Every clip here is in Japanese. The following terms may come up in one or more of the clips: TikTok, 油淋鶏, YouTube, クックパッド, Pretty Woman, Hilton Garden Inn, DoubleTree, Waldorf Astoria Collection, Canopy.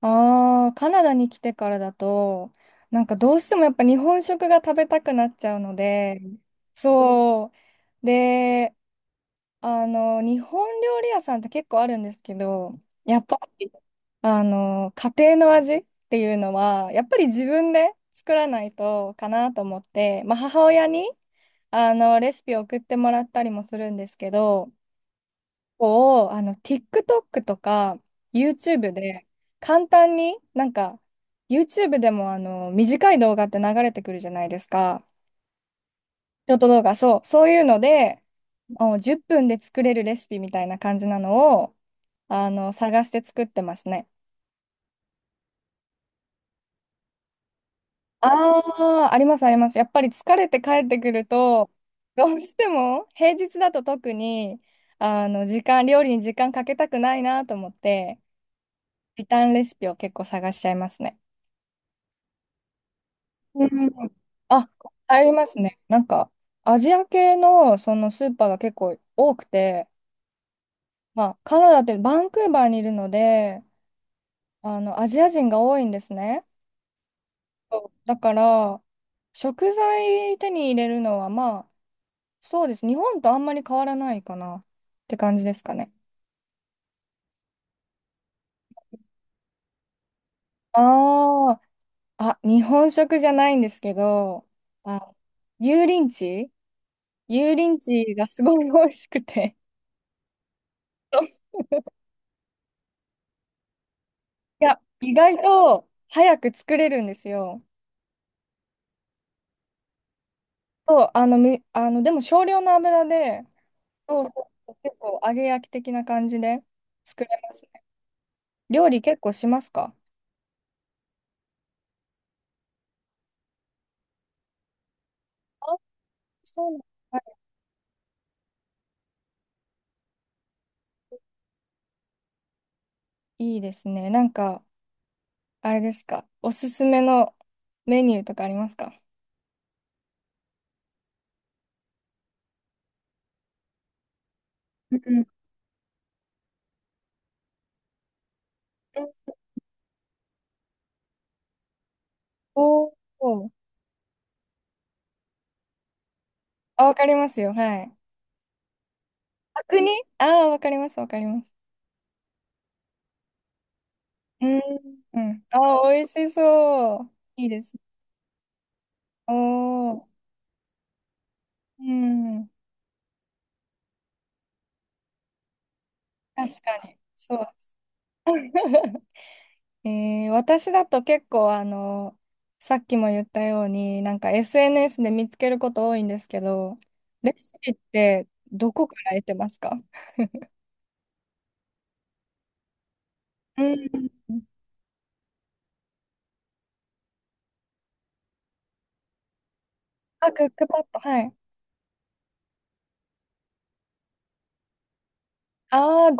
ああ、カナダに来てからだと、なんかどうしてもやっぱ日本食が食べたくなっちゃうので、そう。で、日本料理屋さんって結構あるんですけど、やっぱり、家庭の味っていうのは、やっぱり自分で作らないとかなと思って、まあ母親に、レシピを送ってもらったりもするんですけど、TikTok とか YouTube で簡単に、なんか、YouTube でも短い動画って流れてくるじゃないですか。ショート動画、そう、そういうので、10分で作れるレシピみたいな感じなのを、探して作ってますね。ああ、ありますあります。やっぱり疲れて帰ってくると、どうしても平日だと特に、料理に時間かけたくないなと思って、時短レシピを結構探しちゃいますね。うん。あ、入りますね。なんか、アジア系のそのスーパーが結構多くて、まあ、カナダってバンクーバーにいるので、アジア人が多いんですね。そうだから、食材手に入れるのは、まあ、そうです。日本とあんまり変わらないかなって感じですかね。ああ、あ、日本食じゃないんですけど、あ、油淋鶏油淋鶏がすごい美味しくて。いや、意外と早く作れるんですよ。そう、でも少量の油で、そうそう結構揚げ焼き的な感じで作れますね。料理結構しますか？あ、そうなんだ。はい。いいですね。なんか、あれですか。おすすめのメニューとかありますか？うん。うん。おお。あ、わかりますよ。はい。角煮。ああー、わかります、わかります。うん。うん。ああ、美味しそう。いいです。おお。うん。確かに。そう。私だと結構さっきも言ったように、なんか SNS で見つけること多いんですけど、レシピってどこから得てますか？うん。あ、クックパッド、はい。ああ、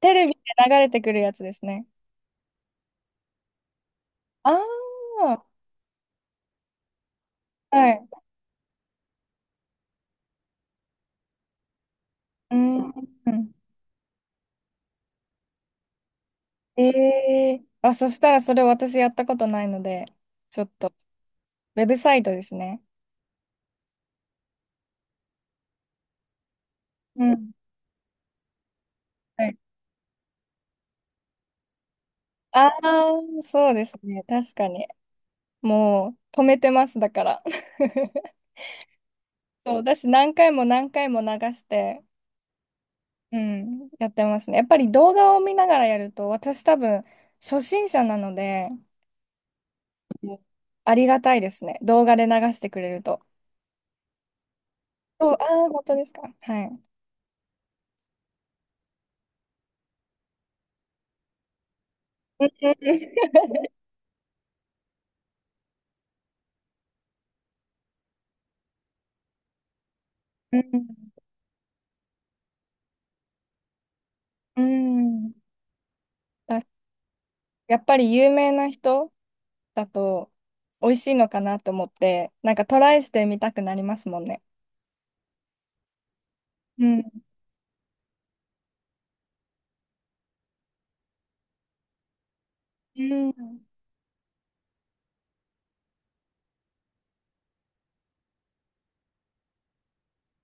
テレビで流れてくるやつですね。ああ、はい。うん。えあ、そしたらそれ私やったことないので、ちょっと、ウェブサイトですね。うん。ああ、そうですね。確かに。もう止めてます、だから。そう、私何回も何回も流して、うん、やってますね。やっぱり動画を見ながらやると、私多分初心者なので、うん、ありがたいですね。動画で流してくれると。そう、ああ、本当ですか。はい。うん、うん、うん。だしやっぱり有名な人だと美味しいのかなと思って、なんかトライしてみたくなりますもんね。うん。うん、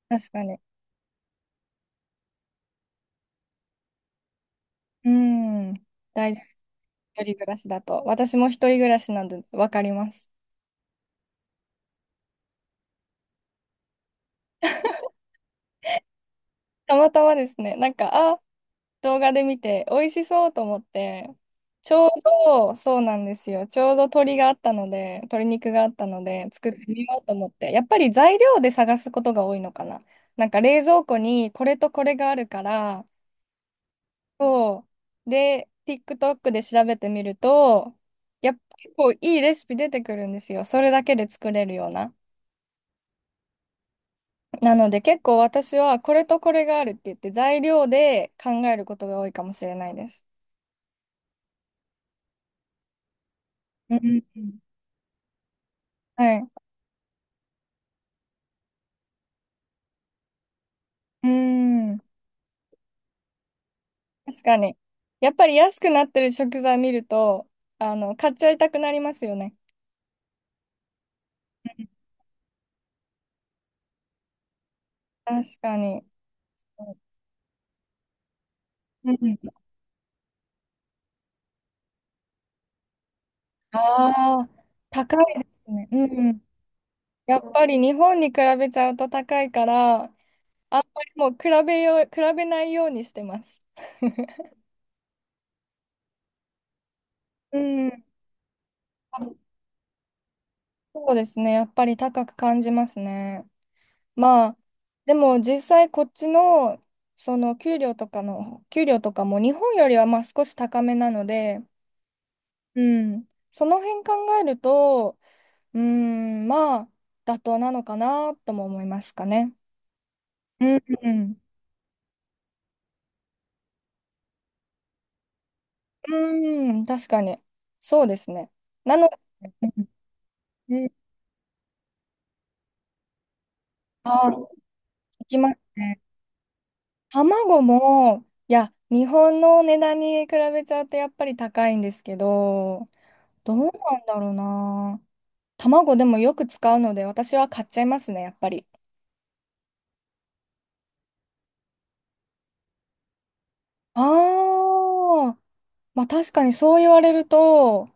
確かに。うん。大事。一人暮らしだと。私も一人暮らしなんでわかります。たまたまですね、なんか、あ、動画で見て、美味しそうと思って、ちょうど、そうなんですよ。ちょうど鶏があったので、鶏肉があったので、作ってみようと思って、やっぱり材料で探すことが多いのかな。なんか冷蔵庫にこれとこれがあるから、そう。で、TikTok で調べてみると、やっぱ結構いいレシピ出てくるんですよ。それだけで作れるような。なので結構私はこれとこれがあるって言って材料で考えることが多いかもしれないです。うん。はい。うん。確かに。やっぱり安くなってる食材見ると、買っちゃいたくなりますよね。確かに。うん。ああ、高いですね。うん。やっぱり日本に比べちゃうと高いから、あんまりもう比べないようにしてます。うん。そうですね。やっぱり高く感じますね。まあ、でも実際こっちの、給料とかも日本よりはまあ少し高めなので、うん、その辺考えると、まあ、妥当なのかなとも思いますかね。うん、うん、うん、確かに。そうですね。なので、うん、あ、いきますね。卵も、いや、日本の値段に比べちゃうとやっぱり高いんですけど、どうなんだろうな。卵でもよく使うので、私は買っちゃいますね、やっぱり。ああ、まあ確かにそう言われると、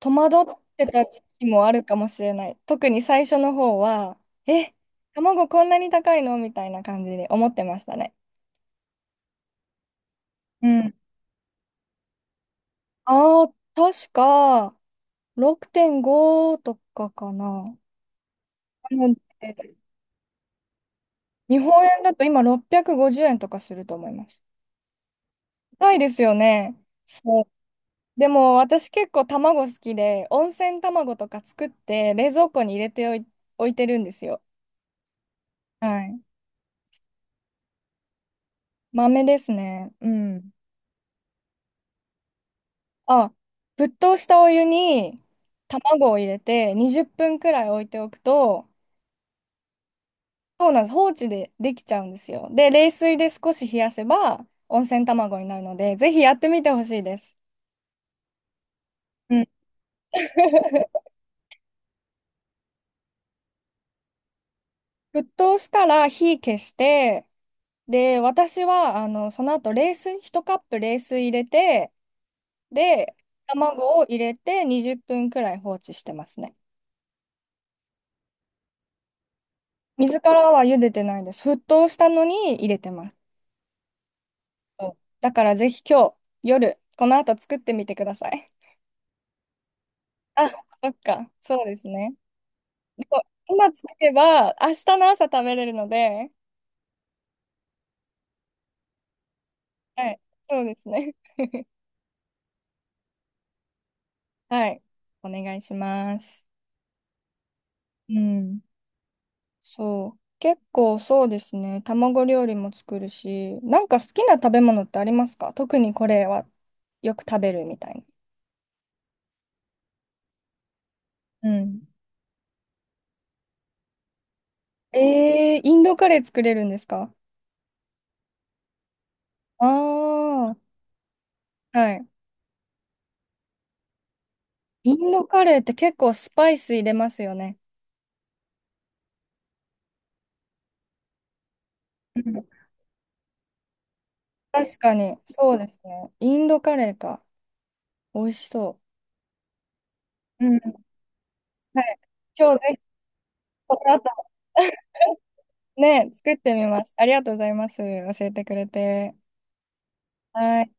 戸惑ってた時期もあるかもしれない。特に最初の方は、え、卵こんなに高いのみたいな感じで思ってましたね。うん。ああ、確か、6.5とかかな。なので日本円だと今650円とかすると思います。高いですよね。そう。でも私結構卵好きで、温泉卵とか作って冷蔵庫に入れておい、置いてるんですよ。はい。豆ですね。うん。あ、沸騰したお湯に卵を入れて20分くらい置いておくと、そうなんです。放置でできちゃうんですよ。で、冷水で少し冷やせば温泉卵になるので、ぜひやってみてほしいです。うん。 沸騰したら火消して、で、私は、その後冷水、1カップ冷水入れて、で、卵を入れて20分くらい放置してますね。水からは茹でてないです。沸騰したのに入れてます。そうだからぜひ今日、夜、この後作ってみてください。あ、そっか。そうですね。でも今作れば、明日の朝食べれるので、はい。そうですね。はい。お願いします。うん。そう。結構そうですね。卵料理も作るし、なんか好きな食べ物ってありますか？特にこれはよく食べるみたいな。うん。えー、インドカレー作れるんですか？ああー、はい。インドカレーって結構スパイス入れますよね。うん、確かに、そうですね。インドカレーか。美味しそう。うん。はい。今日ぜひ、この後、ね、作ってみます。ありがとうございます。教えてくれて。はい。